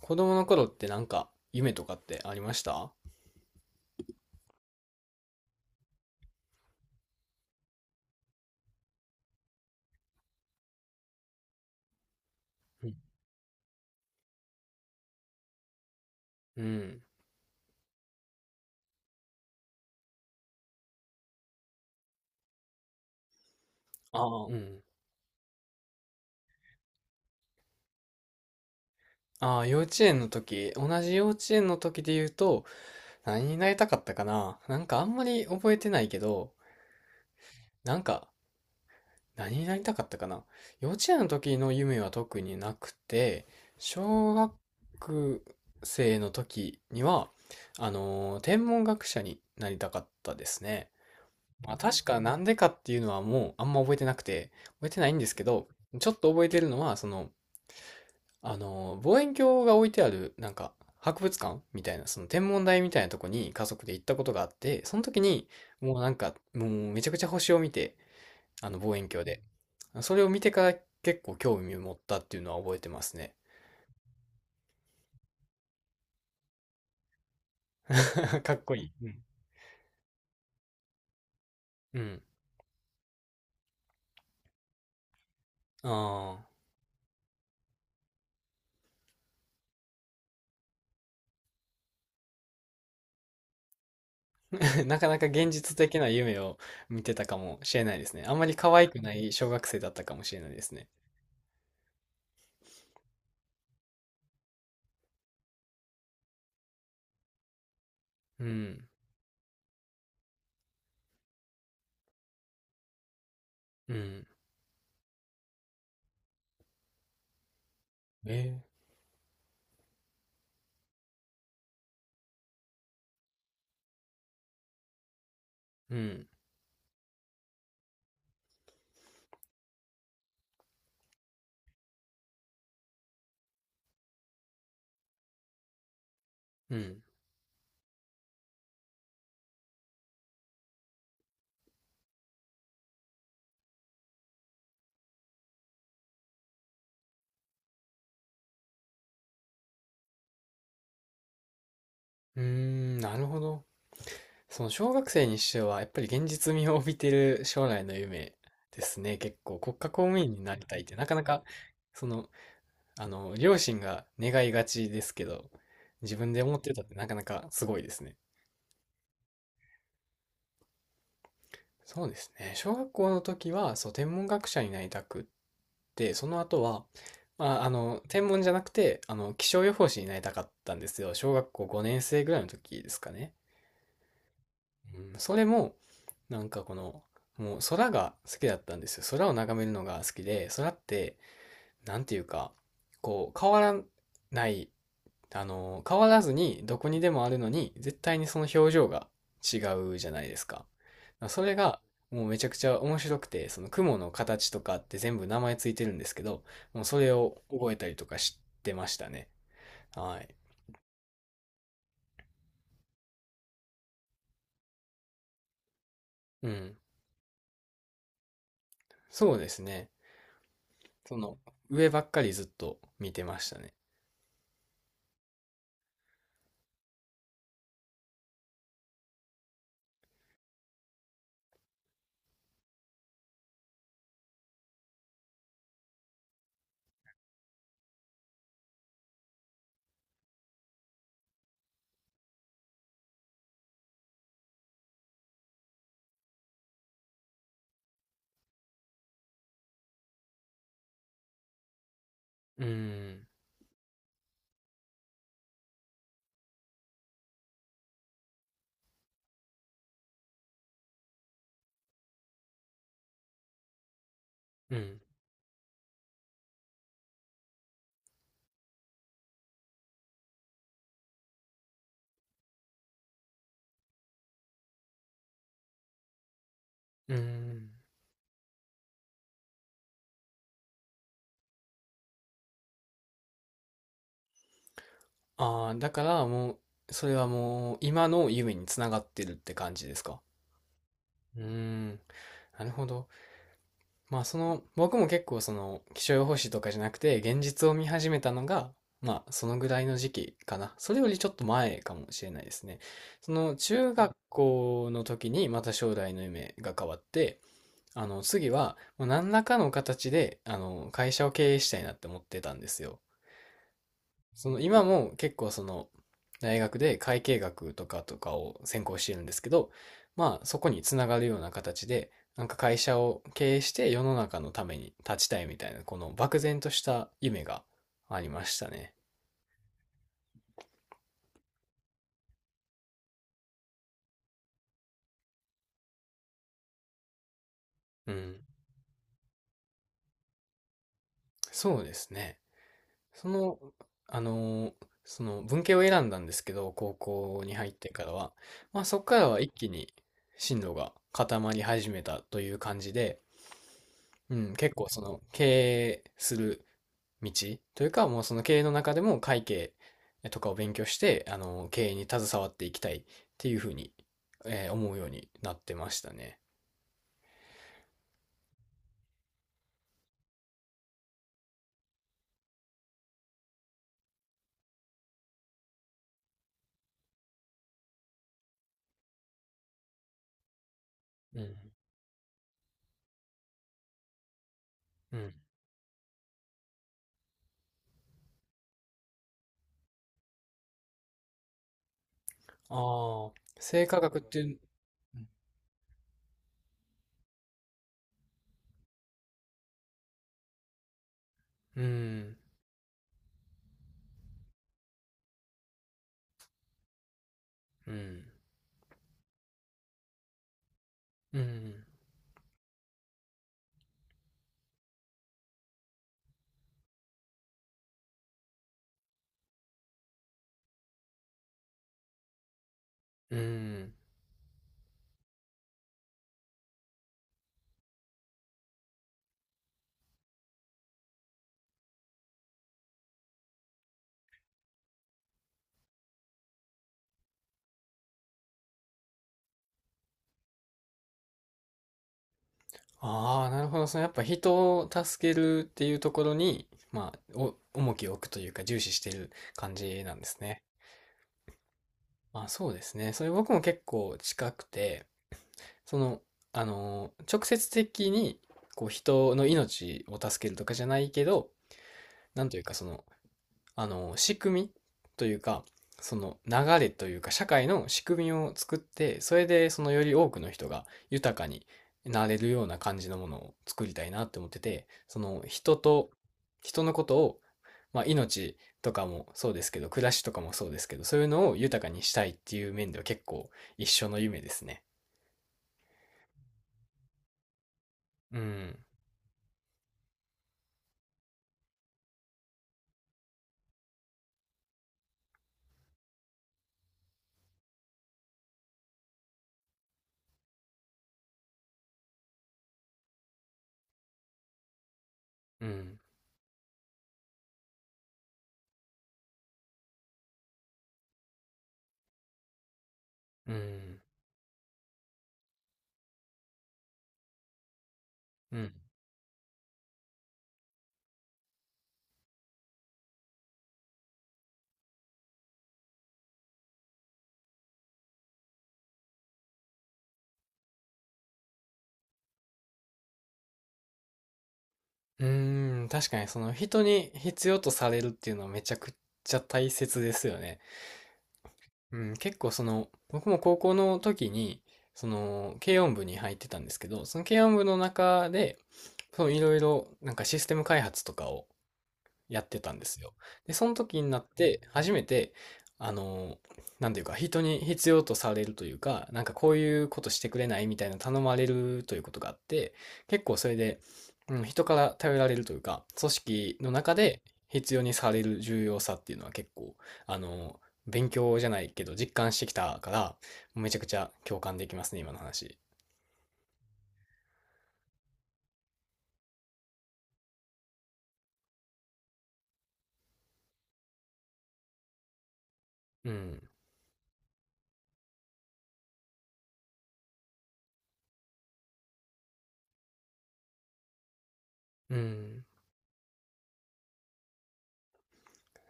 子供の頃ってなんか夢とかってありました？うん。うん。ああ、うん。ああ、幼稚園の時、同じ幼稚園の時で言うと、何になりたかったかな、なんかあんまり覚えてないけど、なんか何になりたかったかな、幼稚園の時の夢は特になくて、小学生の時には、天文学者になりたかったですね。まあ、確かなんでかっていうのはもうあんま覚えてなくて、覚えてないんですけど、ちょっと覚えてるのは、望遠鏡が置いてある、博物館みたいな、その天文台みたいなとこに家族で行ったことがあって、その時に、もうなんか、もうめちゃくちゃ星を見て、あの望遠鏡で。それを見てから結構興味を持ったっていうのは覚えてますね。かっこいい。うん。ああ、なかなか現実的な夢を見てたかもしれないですね。あんまり可愛くない小学生だったかもしれないですね。うん、うん。えーうん、うん。うーん、なるほど。その小学生にしては、やっぱり現実味を帯びてる将来の夢ですね。結構、国家公務員になりたいって、なかなか、その、両親が願いがちですけど、自分で思ってたってなかなかすごいですね。そうですね。小学校の時は、そう、天文学者になりたくって、その後は、天文じゃなくて、気象予報士になりたかったんですよ。小学校5年生ぐらいの時ですかね。うん、それも、なんかこの、もう空が好きだったんですよ。空を眺めるのが好きで、空って、なんていうか、こう、変わらない、あの、変わらずにどこにでもあるのに、絶対にその表情が違うじゃないですか。それが、もうめちゃくちゃ面白くて、その雲の形とかって全部名前ついてるんですけど、もうそれを覚えたりとかしてましたね。はい。うん。そうですね。その、上ばっかりずっと見てましたね。うん、うん、うん。ああ、だからもう、それはもう、今の夢につながってるって感じですか？うーん、なるほど。まあ、その、僕も結構その、気象予報士とかじゃなくて、現実を見始めたのが、まあ、そのぐらいの時期かな。それよりちょっと前かもしれないですね。その、中学校の時に、また将来の夢が変わって、次は、もう何らかの形で、会社を経営したいなって思ってたんですよ。その今も結構その大学で会計学とかを専攻してるんですけど、まあそこにつながるような形で、なんか会社を経営して世の中のために立ちたいみたいな、この漠然とした夢がありましたね。うん。そうですね。その、あのその文系を選んだんですけど、高校に入ってからは、まあそこからは一気に進路が固まり始めたという感じで、うん、結構その経営する道というか、もうその経営の中でも会計とかを勉強して、あの、経営に携わっていきたいっていうふうに、思うようになってましたね。うん。うん。ああ、生化学っていう、うん、うん、うん、うん。ああ、なるほど。そのやっぱ人を助けるっていうところに、重きを置くというか重視してる感じなんですね。あ、そうですね。それ僕も結構近くて、その、あのー、直接的に、こう、人の命を助けるとかじゃないけど、なんというか、その、あのー、仕組みというか、その流れというか、社会の仕組みを作って、それで、そのより多くの人が豊かになれるような感じのものを作りたいなって思ってて、その、人と、人のことを、まあ、命とかもそうですけど、暮らしとかもそうですけど、そういうのを豊かにしたいっていう面では結構一緒の夢ですね。うん、うん。うん、うん、うーん、確かにその人に必要とされるっていうのはめちゃくちゃ大切ですよね。うん、結構その、僕も高校の時に、その、軽音部に入ってたんですけど、その軽音部の中で、そのいろいろなんかシステム開発とかをやってたんですよ。で、その時になって、初めて、あの、なんていうか、人に必要とされるというか、なんかこういうことしてくれないみたいな頼まれるということがあって、結構それで、うん、人から頼られるというか、組織の中で必要にされる重要さっていうのは結構、あの、勉強じゃないけど実感してきたから、めちゃくちゃ共感できますね、今の話。うん。うん。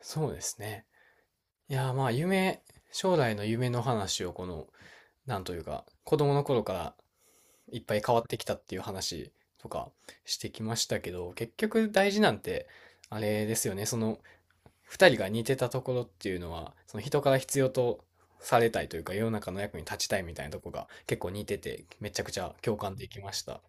そうですね。いやー、まあ、夢、将来の夢の話をこのなんというか、子供の頃からいっぱい変わってきたっていう話とかしてきましたけど、結局大事なんて、あれですよね、その、二人が似てたところっていうのは、その人から必要とされたいというか、世の中の役に立ちたいみたいなところが結構似てて、めちゃくちゃ共感できました。